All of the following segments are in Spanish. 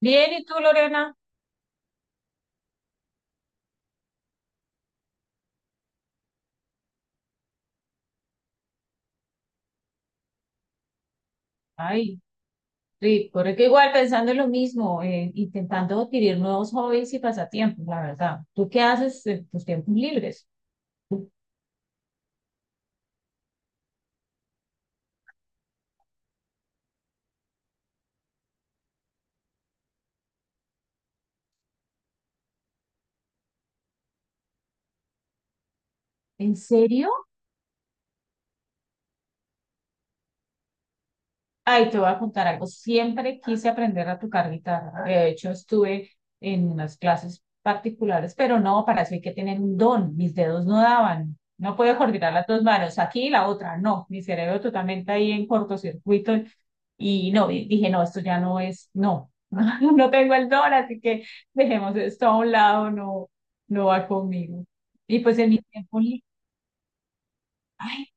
Bien, ¿y tú, Lorena? Ay, rico, que igual pensando en lo mismo, intentando adquirir nuevos hobbies y pasatiempos, la verdad. ¿Tú qué haces en tus tiempos libres? ¿En serio? Ay, te voy a contar algo. Siempre quise aprender a tocar guitarra. De hecho, estuve en unas clases particulares, pero no, para eso hay que tener un don. Mis dedos no daban. No puedo coordinar las dos manos, aquí y la otra, no. Mi cerebro totalmente ahí en cortocircuito. Y no, y dije, no, esto ya no es, no, no tengo el don, así que dejemos esto a un lado, no, no va conmigo. Y pues en mi tiempo, ay,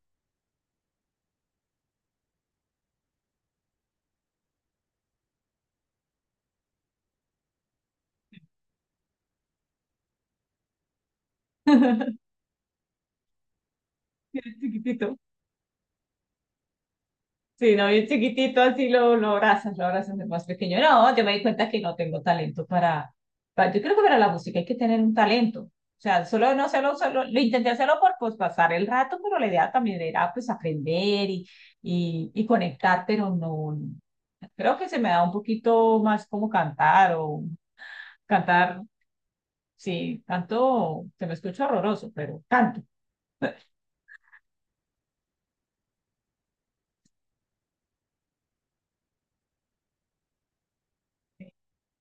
sí, no, bien chiquitito, así lo abrazas de más pequeño. No, yo me di cuenta que no tengo talento para, yo creo que para la música hay que tener un talento. O sea, solo no solo, solo lo intenté hacerlo por pues, pasar el rato, pero la idea también era pues aprender y conectar, pero no. Creo que se me da un poquito más como cantar o cantar. Sí, canto, se me escucha horroroso, pero canto.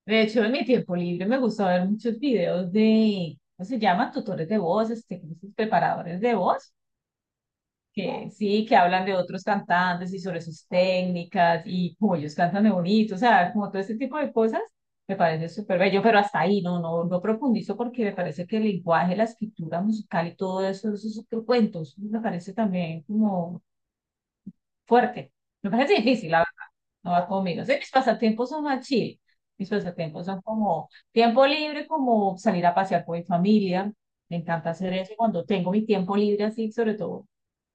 De hecho, en mi tiempo libre me gusta ver muchos videos de, ¿cómo se llaman? Tutores de voz, ¿cómo se dice? Preparadores de voz, que sí, que hablan de otros cantantes y sobre sus técnicas y cómo ellos cantan de bonito, o sea, como todo ese tipo de cosas, me parece súper bello, pero hasta ahí no, no profundizo porque me parece que el lenguaje, la escritura musical y todo eso, esos otros cuentos, me parece también como fuerte. Me parece difícil, no va conmigo. Sí, mis pasatiempos son más chill. Mis pasatiempos son como tiempo libre, como salir a pasear con mi familia. Me encanta hacer eso. Y cuando tengo mi tiempo libre, así, sobre todo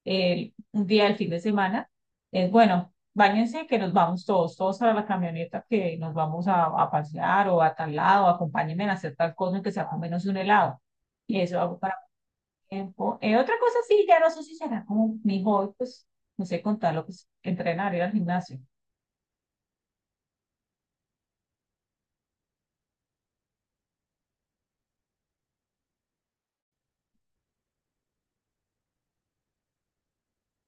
el, un día del fin de semana, es bueno, báñense que nos vamos todos, todos para la camioneta, que nos vamos a pasear o a tal lado, acompáñenme a hacer tal cosa, que sea con menos un helado. Y eso hago para mi tiempo. Otra cosa, sí, ya no sé si será como mi hobby, pues no sé contarlo, pues entrenar, ir al gimnasio.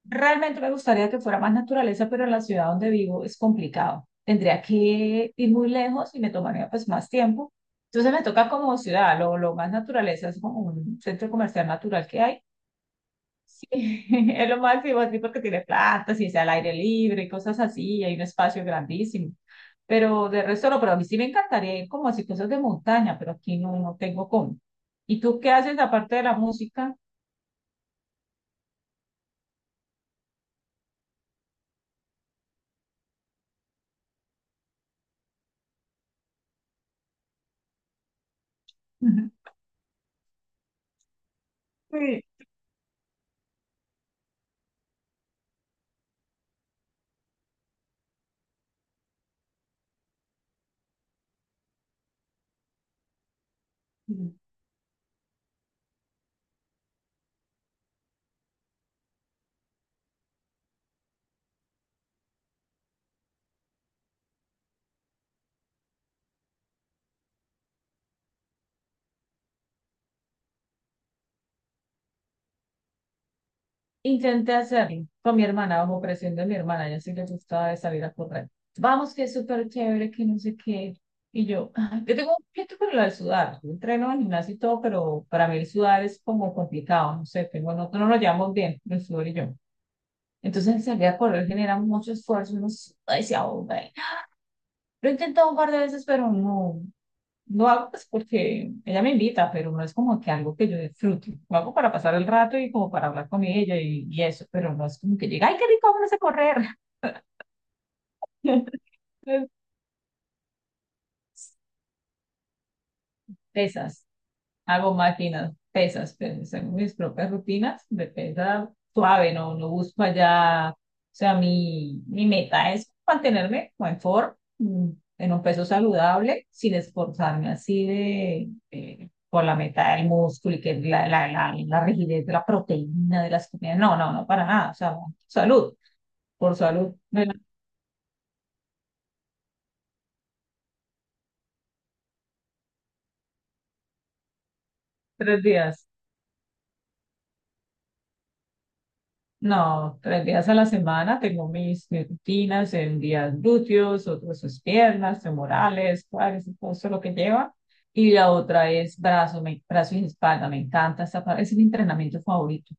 Realmente me gustaría que fuera más naturaleza, pero en la ciudad donde vivo es complicado. Tendría que ir muy lejos y me tomaría pues más tiempo. Entonces me toca como ciudad, lo más naturaleza es como un centro comercial natural que hay. Sí, es lo máximo así porque tiene plantas y es al aire libre y cosas así, y hay un espacio grandísimo. Pero de resto no, pero a mí sí me encantaría ir como así cosas de montaña, pero aquí no, no tengo cómo. ¿Y tú qué haces aparte de la música? Sí. Intenté hacerlo con mi hermana, bajo presión de mi hermana, ella sí le gustaba de salir a correr. Vamos, que es súper chévere, que no sé qué. Y yo, "Ah, yo tengo un pleito con lo de sudar. Yo entreno en gimnasio y todo, pero para mí el sudar es como complicado, no sé, tengo, no, no nos llevamos bien, el sudor y yo. Entonces salir a correr genera mucho esfuerzo, uno suda y se ahoga. Lo he intentado un par de veces, pero no, lo hago pues porque ella me invita, pero no es como que algo que yo disfrute. Lo hago para pasar el rato y como para hablar con ella y eso, pero no es como que llega, ay, qué rico, vamos a correr. Entonces, esas. Hago máquinas, pesas, pero según mis propias rutinas de pesa suave, no, no busco allá, o sea, mi meta es mantenerme como en forma, en un peso saludable, sin esforzarme así de, por la meta del músculo y que la rigidez de la proteína, de las comidas, no, para nada, o sea, salud, por salud, de los tres días. No, tres días a la semana tengo mis rutinas en días glúteos, otros es piernas, femorales, cuádriceps, todo eso lo que lleva. Y la otra es brazo, brazo y espalda. Me encanta esa parte, es mi entrenamiento favorito.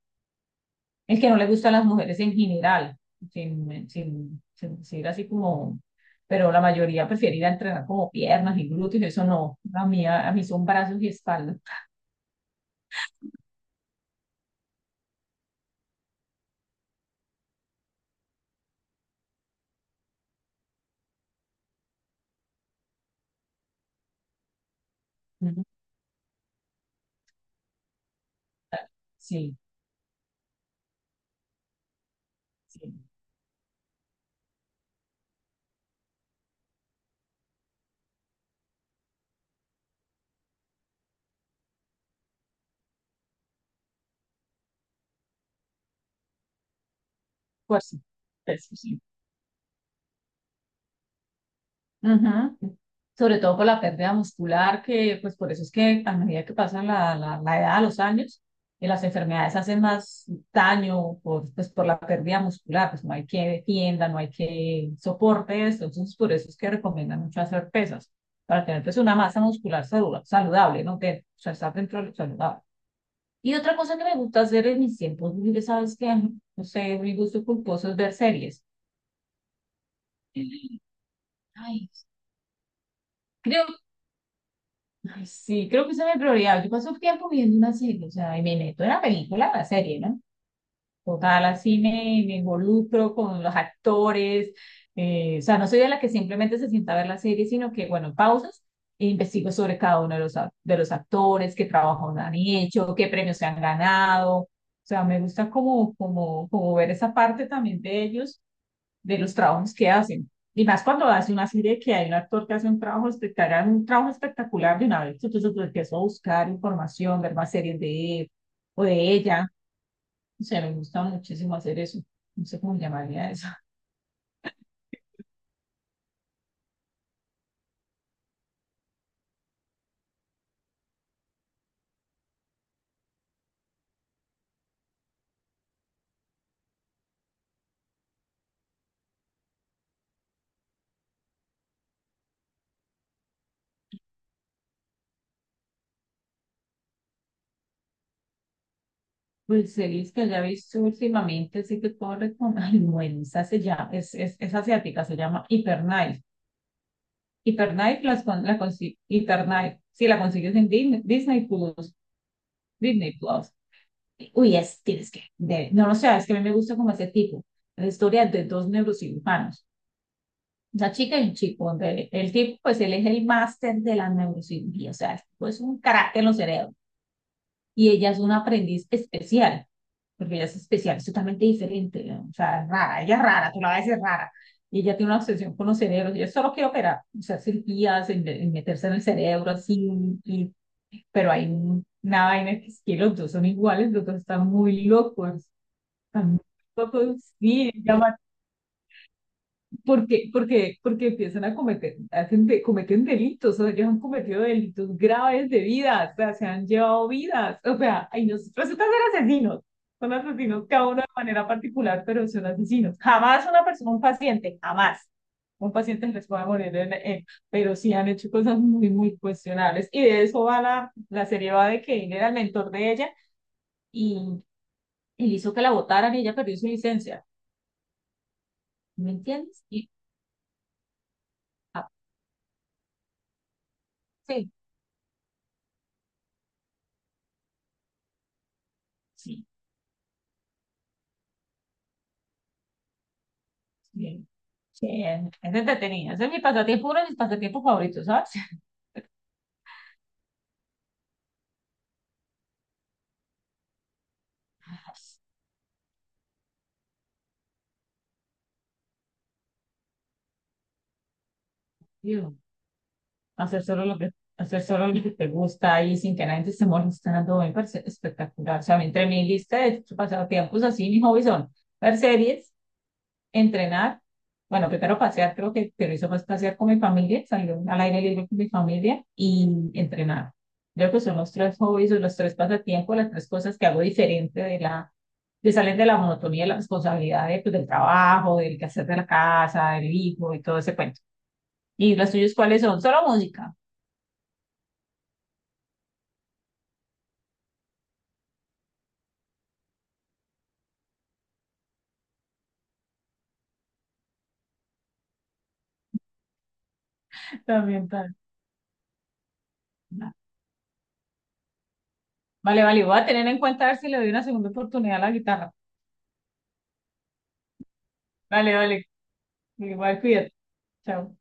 El que no le gusta a las mujeres en general, sin decir así como, pero la mayoría prefiere ir a entrenar como piernas y glúteos, eso no. A mí, mí son brazos y espalda. Ujú. Sí, sí, fuerza. Eso sí. Ujú. Sobre todo por la pérdida muscular, que pues por eso es que a medida que pasa la edad, los años, las enfermedades hacen más daño por, pues, por la pérdida muscular, pues no hay que defienda, no hay que soporte eso, entonces por eso es que recomiendan mucho hacer pesas, para tener pues una masa muscular saludable, ¿no? Que, o sea, estar dentro de lo saludable. Y otra cosa que me gusta hacer en mis tiempos libres, ¿sabes qué? No sé, mi gusto culposo es ver series. Ay, creo ay, sí, creo que esa es mi prioridad. Yo paso tiempo viendo una serie, o sea, y me meto en la película, en la serie, ¿no? Total, así me involucro con los actores. O sea, no soy de la que simplemente se sienta a ver la serie, sino que, bueno, pausas e investigo sobre cada uno de los, de los actores, qué trabajos han hecho, qué premios se han ganado. O sea, me gusta como ver esa parte también de ellos de los trabajos que hacen. Y más cuando hace una serie que hay un actor que hace un trabajo espectacular de una vez, entonces pues, empiezo a buscar información, ver más series de él o de ella. O sea, me gusta muchísimo hacer eso. No sé cómo llamaría eso. Pues series que haya visto últimamente, sí que puedo recomendar. Ay, bueno, esa se llama, es asiática, se llama Hyperknife. Hyperknife, las, con- la, consi- Hyper Knife, sí, la consigues en Disney Plus. Disney Plus. Uy, es, tienes que, no lo sé, es que a mí me gusta como ese tipo, la historia de dos neurocirujanos, una chica y un chico, donde el tipo, pues él es el máster de la neurocirugía, o sea, es pues, un carácter en los cerebros, y ella es una aprendiz especial, porque ella es especial, es totalmente diferente, ¿no? O sea, es rara, ella es rara, tú la ves, es rara, y ella tiene una obsesión con los cerebros, ella solo quiere operar, o sea, cirugías, en meterse en el cerebro, así, y- pero hay una vaina que es que los dos son iguales, los dos están muy locos. Tampoco sí, llama- porque, porque empiezan a cometer, cometen delitos, o ellos han cometido delitos graves de vidas, o sea, se han llevado vidas, o sea, ahí nos resulta ser asesinos, son asesinos cada uno de manera particular, pero son asesinos. Jamás una persona, un paciente, jamás. Un paciente les puede morir en- pero sí han hecho cosas muy, muy cuestionables. Y de eso va la serie va de que él era el mentor de ella y él hizo que la votaran y ella perdió su licencia. ¿Me entiendes? Ah, sí, sí, sí, sí, es entretenido. Ese es mi pasatiempo, uno de mis pasatiempos favoritos, ¿sabes? Digo, hacer solo lo que, hacer solo lo que te gusta y sin que nadie te esté molestando, me parece espectacular. O sea, a mí entre mi lista de pasatiempos así, mis hobbies son ver series, entrenar. Bueno, primero pasear, creo que pero eso más pasear con mi familia, salir al aire libre con mi familia y entrenar. Creo que son los tres hobbies o los tres pasatiempos, las tres cosas que hago diferente de la, de salir de la monotonía, de la responsabilidad de, pues, del trabajo, del quehacer de la casa, del hijo y todo ese cuento. ¿Y los tuyos cuáles son? Solo música. También, tal. Vale, vale, voy a tener en cuenta a ver si le doy una segunda oportunidad a la guitarra. Vale, vale, igual cuídate. Chao.